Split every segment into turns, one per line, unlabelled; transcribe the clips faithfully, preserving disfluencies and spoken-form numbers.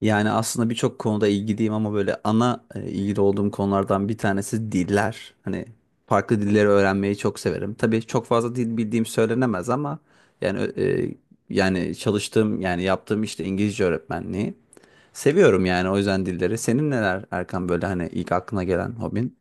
Yani aslında birçok konuda ilgiliyim ama böyle ana e, ilgili olduğum konulardan bir tanesi diller. Hani farklı dilleri öğrenmeyi çok severim. Tabii çok fazla dil bildiğim söylenemez ama yani e, yani çalıştığım yani yaptığım işte İngilizce öğretmenliği. Seviyorum yani o yüzden dilleri. Senin neler Erkan böyle hani ilk aklına gelen hobin?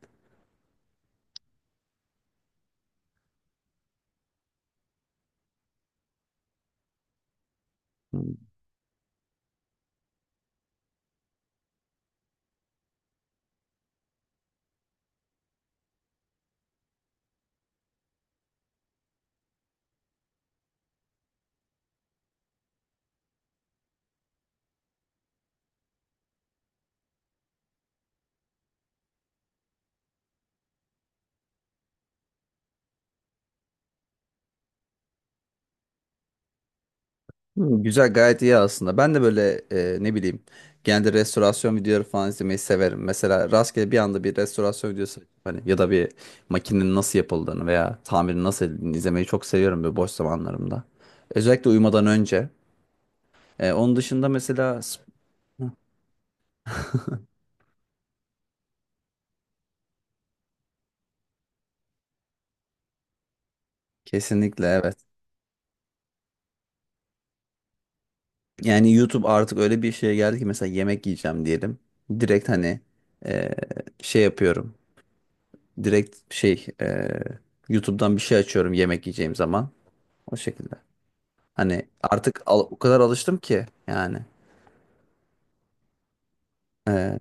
Hı, güzel gayet iyi aslında. Ben de böyle e, ne bileyim genelde restorasyon videoları falan izlemeyi severim. Mesela rastgele bir anda bir restorasyon videosu hani ya da bir makinenin nasıl yapıldığını veya tamirin nasıl edildiğini izlemeyi çok seviyorum böyle boş zamanlarımda. Özellikle uyumadan önce. E, onun dışında mesela sp- Hı, kesinlikle evet. Yani YouTube artık öyle bir şeye geldi ki mesela yemek yiyeceğim diyelim. Direkt hani e, şey yapıyorum. Direkt şey e, YouTube'dan bir şey açıyorum yemek yiyeceğim zaman. O şekilde. Hani artık al- o kadar alıştım ki yani. Ee,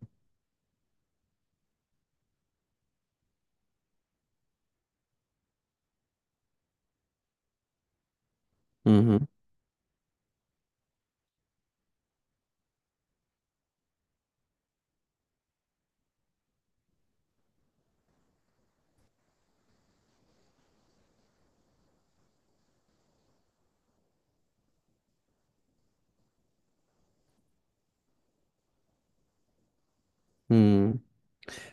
hı hı. Hı.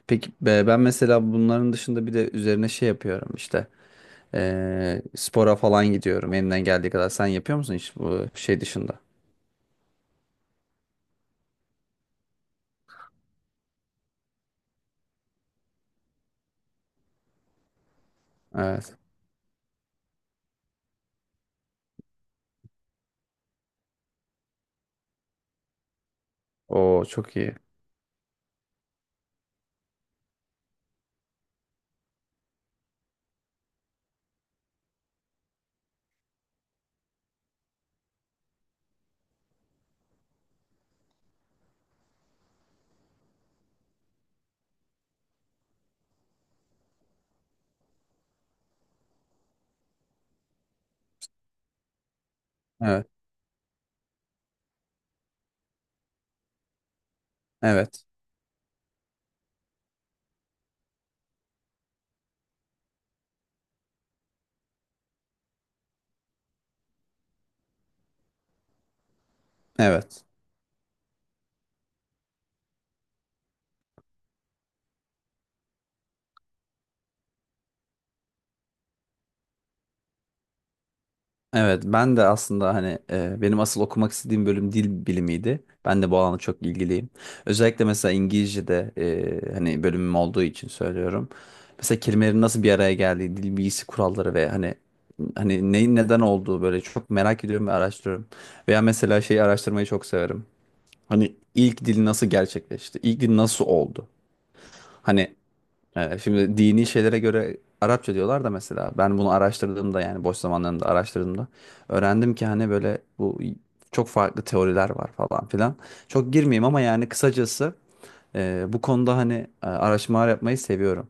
Peki be- ben mesela bunların dışında bir de üzerine şey yapıyorum işte. Ee, spora falan gidiyorum elimden geldiği kadar. Sen yapıyor musun hiç bu şey dışında? Evet. O çok iyi. Evet. Evet. Evet. Evet, ben de aslında hani e, benim asıl okumak istediğim bölüm dil bilimiydi. Ben de bu alana çok ilgiliyim. Özellikle mesela İngilizce'de e, hani bölümüm olduğu için söylüyorum. Mesela kelimelerin nasıl bir araya geldiği, dil bilgisi kuralları ve hani hani neyin neden olduğu böyle çok merak ediyorum ve araştırıyorum. Veya mesela şeyi araştırmayı çok severim. Hani ilk dil nasıl gerçekleşti? İlk dil nasıl oldu? Hani ee, şimdi dini şeylere göre Arapça diyorlar da mesela ben bunu araştırdığımda yani boş zamanlarımda araştırdığımda öğrendim ki hani böyle bu çok farklı teoriler var falan filan. Çok girmeyeyim ama yani kısacası e, bu konuda hani e, araştırmalar yapmayı seviyorum.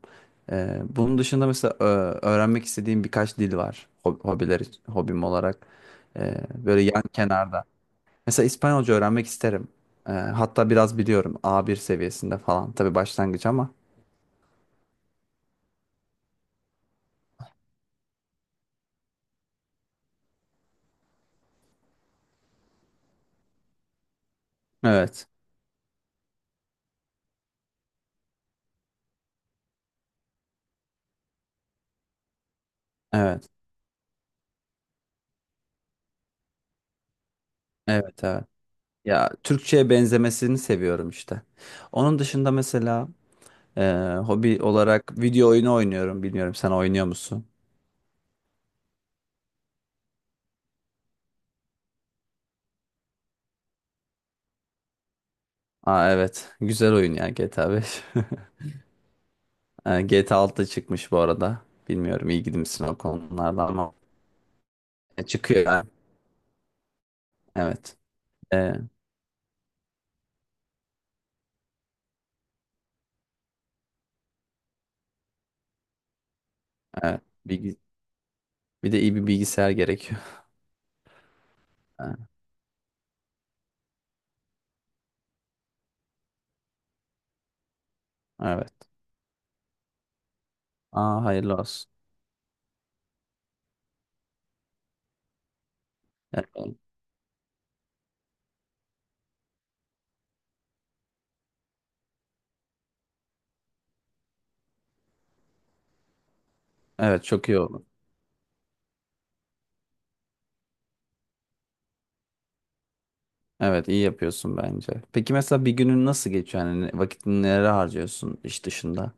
E, bunun dışında mesela e, öğrenmek istediğim birkaç dil var hob- hobiler hobim olarak E, böyle yan kenarda. Mesela İspanyolca öğrenmek isterim. E, hatta biraz biliyorum a bir seviyesinde falan tabii başlangıç ama evet. Evet. Evet abi. Ya Türkçe'ye benzemesini seviyorum işte. Onun dışında mesela e, hobi olarak video oyunu oynuyorum. Bilmiyorum sen oynuyor musun? Aa, evet. Güzel oyun ya G T A beş. E, G T A altı çıkmış bu arada. Bilmiyorum ilgili misin o konularda ama e, çıkıyor yani. Evet. E, evet. Bilgi- Bir de iyi bir bilgisayar gerekiyor. E, Evet. Aa, hayırlı olsun. Evet, evet. Evet, çok iyi oldu. Evet, iyi yapıyorsun bence. Peki mesela bir günün nasıl geçiyor? Yani ne- vakitini nereye harcıyorsun iş dışında?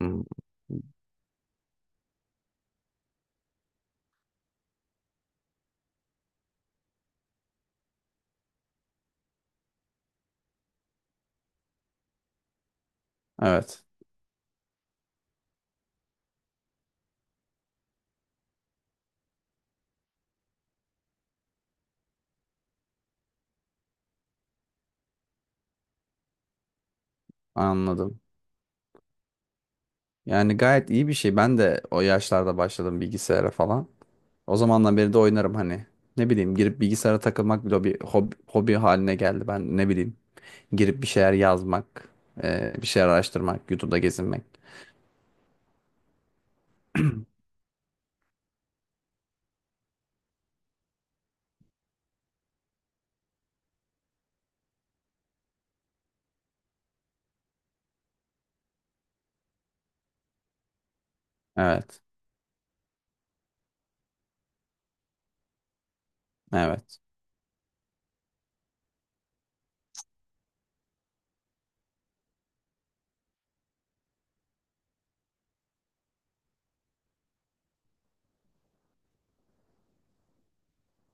Hmm. Evet, anladım. Yani gayet iyi bir şey. Ben de o yaşlarda başladım bilgisayara falan. O zamandan beri de oynarım hani. Ne bileyim girip bilgisayara takılmak bile bir hobi, hobi haline geldi. Ben ne bileyim girip bir şeyler yazmak, e, bir şeyler araştırmak, YouTube'da gezinmek. Evet, evet,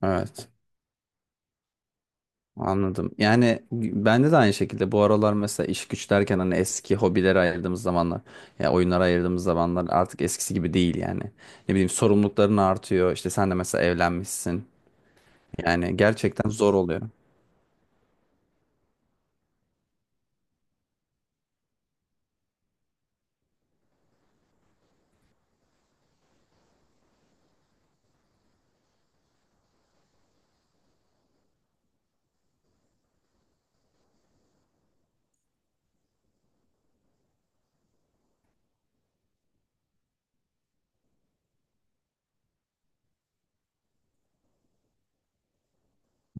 evet. Anladım. Yani bende de aynı şekilde bu aralar mesela iş güç derken hani eski hobilere ayırdığımız zamanlar ya oyunlara ayırdığımız zamanlar artık eskisi gibi değil yani. Ne bileyim sorumlulukların artıyor. İşte sen de mesela evlenmişsin. Yani gerçekten zor oluyor.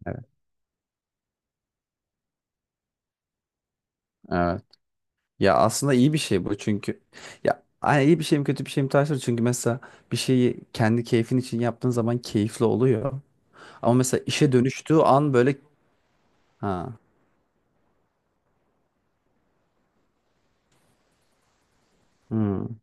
Evet. Evet. Ya aslında iyi bir şey bu çünkü ya ay, iyi bir şey mi kötü bir şey mi tartışılır çünkü mesela bir şeyi kendi keyfin için yaptığın zaman keyifli oluyor. Ama mesela işe dönüştüğü an böyle ha. Hmm.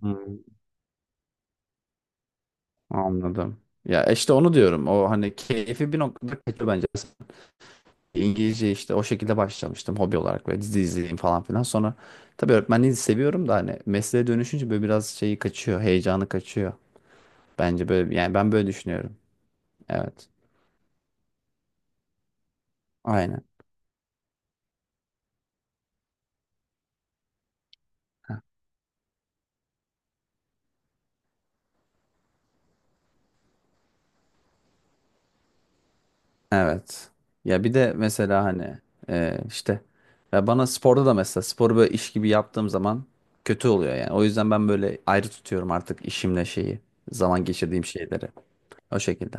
Hmm. Anladım. Ya işte onu diyorum. O hani keyfi bir noktada kaçıyor bence. İngilizce işte o şekilde başlamıştım hobi olarak ve dizi izleyeyim falan filan. Sonra tabii öğretmenliği seviyorum da hani mesleğe dönüşünce böyle biraz şeyi kaçıyor, heyecanı kaçıyor. Bence böyle yani ben böyle düşünüyorum. Evet. Aynen. Evet. Ya bir de mesela hani e, işte ya bana sporda da mesela sporu böyle iş gibi yaptığım zaman kötü oluyor yani. O yüzden ben böyle ayrı tutuyorum artık işimle şeyi, zaman geçirdiğim şeyleri. O şekilde.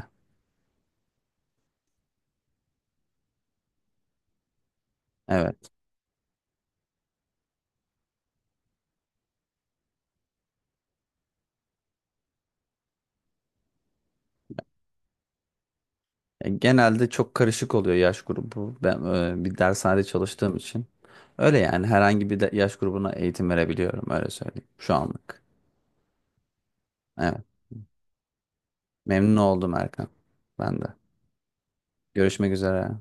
Evet. Ya genelde çok karışık oluyor yaş grubu. Ben e, bir dershanede çalıştığım için. Öyle yani herhangi bir de- yaş grubuna eğitim verebiliyorum öyle söyleyeyim şu anlık. Evet. Memnun oldum Erkan. Ben de. Görüşmek üzere.